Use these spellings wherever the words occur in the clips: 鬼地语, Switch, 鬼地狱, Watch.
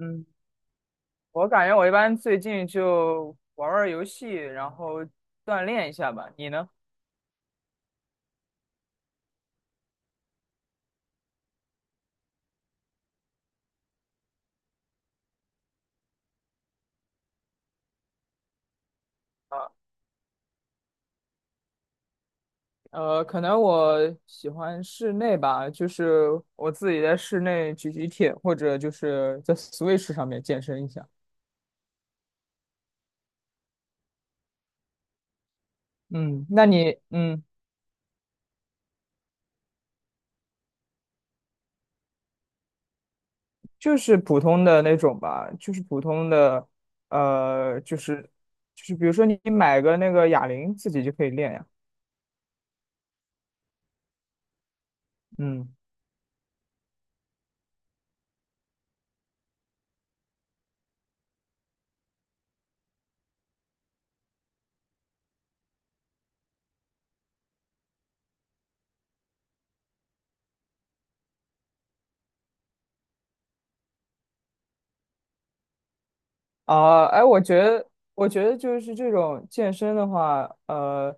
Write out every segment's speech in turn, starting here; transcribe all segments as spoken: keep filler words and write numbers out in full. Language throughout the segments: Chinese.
嗯，我感觉我一般最近就玩玩游戏，然后锻炼一下吧。你呢？呃，可能我喜欢室内吧，就是我自己在室内举举铁，或者就是在 Switch 上面健身一下。嗯，那你嗯，就是普通的那种吧，就是普通的，呃，就是就是比如说你买个那个哑铃，自己就可以练呀。嗯。啊，哎，我觉得，我觉得就是这种健身的话，呃，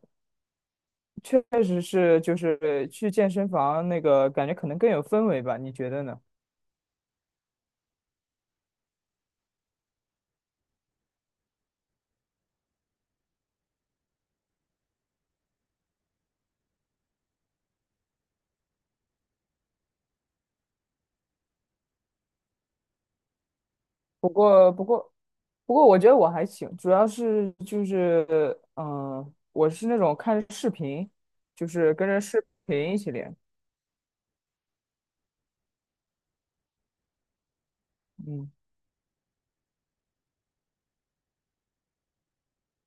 确实是，就是去健身房那个感觉可能更有氛围吧，你觉得呢？不过，不过，不过，我觉得我还行，主要是就是，嗯、我是那种看视频，就是跟着视频一起练，嗯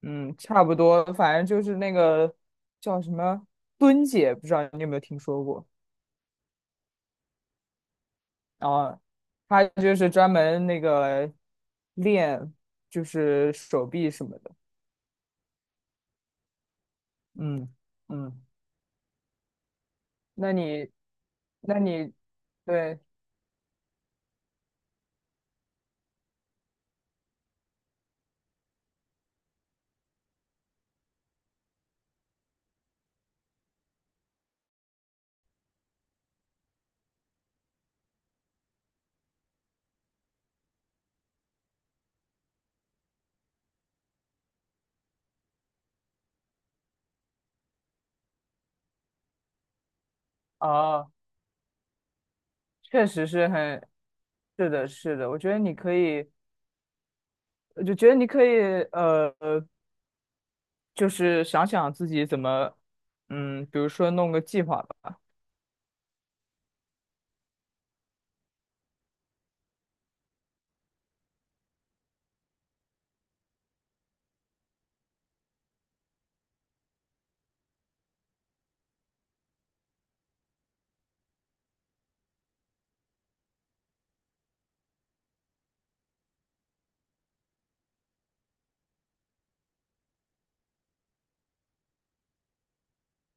嗯，差不多，反正就是那个叫什么蹲姐，不知道你有没有听说过？啊，她就是专门那个练，就是手臂什么的，嗯嗯。那你，那你，对，哦，确实是很，是的，是的，我觉得你可以，我就觉得你可以，呃，呃，就是想想自己怎么，嗯，比如说弄个计划吧。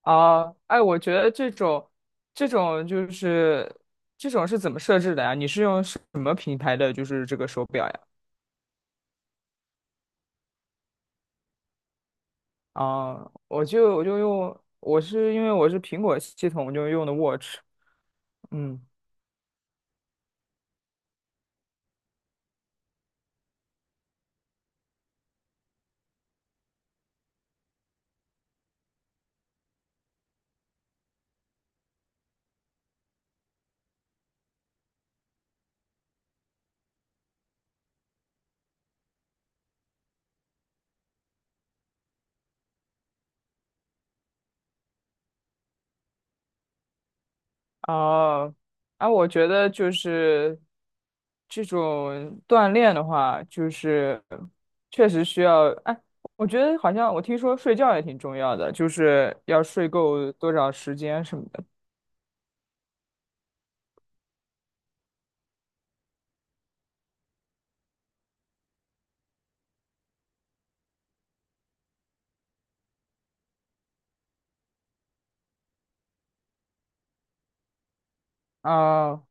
啊，哎，我觉得这种，这种就是这种是怎么设置的呀？你是用什么品牌的就是这个手表呀？啊，我就我就用，我是因为我是苹果系统，我就用的 Watch,嗯。哦，啊，我觉得就是这种锻炼的话，就是确实需要。哎，我觉得好像我听说睡觉也挺重要的，就是要睡够多少时间什么的。哦，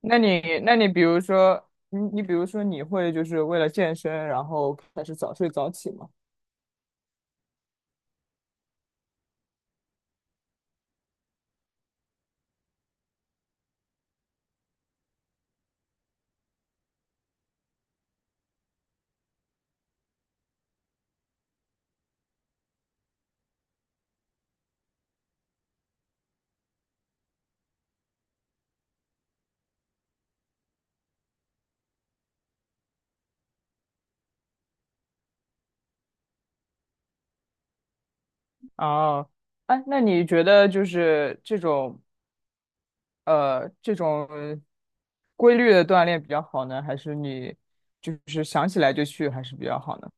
那你那你比如说，你你比如说你会就是为了健身，然后开始早睡早起吗？哦，哎，那你觉得就是这种呃这种。规律的锻炼比较好呢，还是你就是想起来就去还是比较好呢？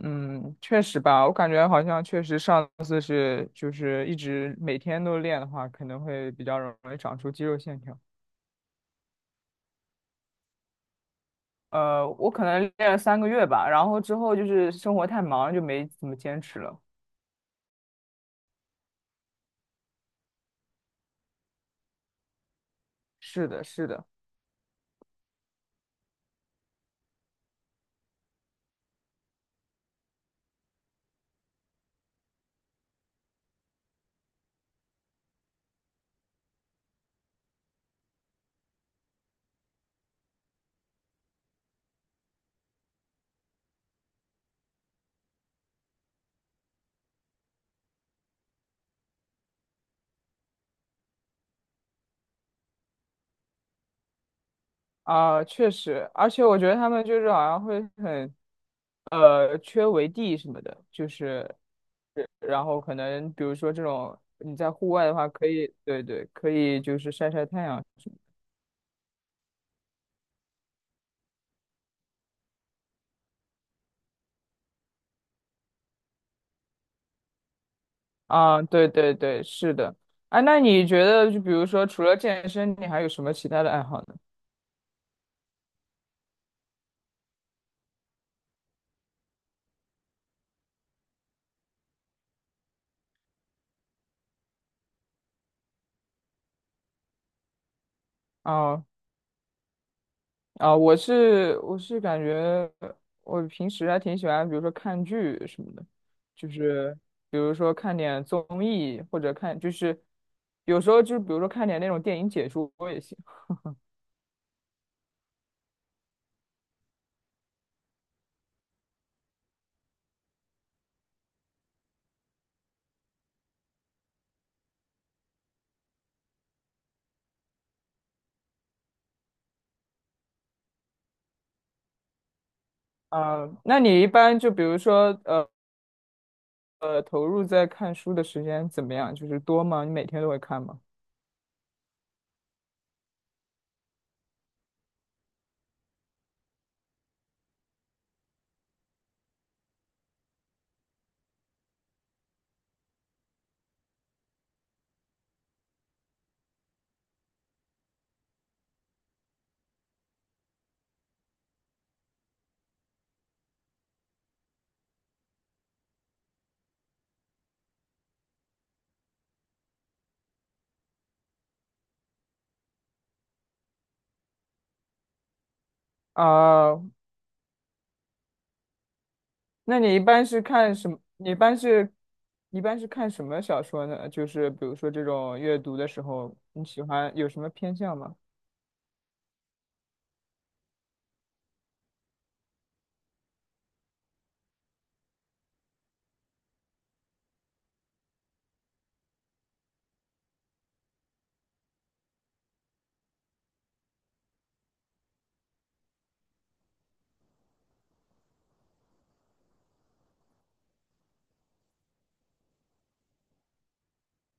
嗯，确实吧，我感觉好像确实上次是就是一直每天都练的话，可能会比较容易长出肌肉线条。呃，我可能练了三个月吧，然后之后就是生活太忙了就没怎么坚持了。是的，是的。啊，确实，而且我觉得他们就是好像会很，呃，缺围地什么的，就是，对然后可能比如说这种你在户外的话，可以，对对，可以就是晒晒太阳什么的啊，对对对，是的，啊，那你觉得就比如说除了健身，你还有什么其他的爱好呢？哦、啊，我是我是感觉我平时还挺喜欢，比如说看剧什么的，就是比如说看点综艺或者看，就是有时候就是比如说看点那种电影解说也行。啊，那你一般就比如说呃呃投入在看书的时间怎么样？就是多吗？你每天都会看吗？啊，那你一般是看什么？你一般是一般是看什么小说呢？就是比如说这种阅读的时候，你喜欢有什么偏向吗？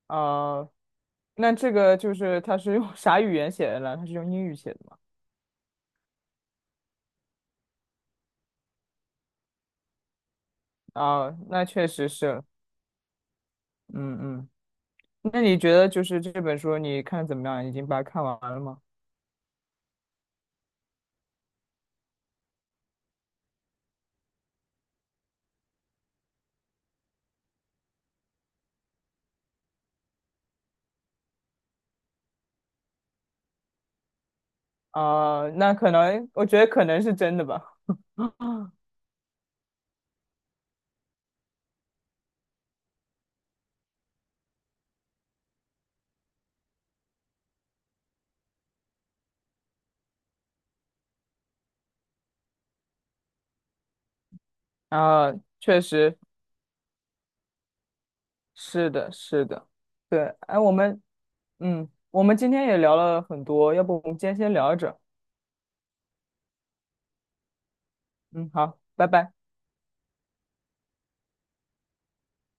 啊、那这个就是它是用 啥语言写的呢？它是用英语写的吗？啊、那确实是，嗯嗯。那你觉得就是这本书你看得怎么样？已经把它看完了吗？啊、那可能我觉得可能是真的吧。啊，确实是的，是的，对。哎，我们嗯，我们今天也聊了很多，要不我们今天先聊着。嗯，好，拜拜。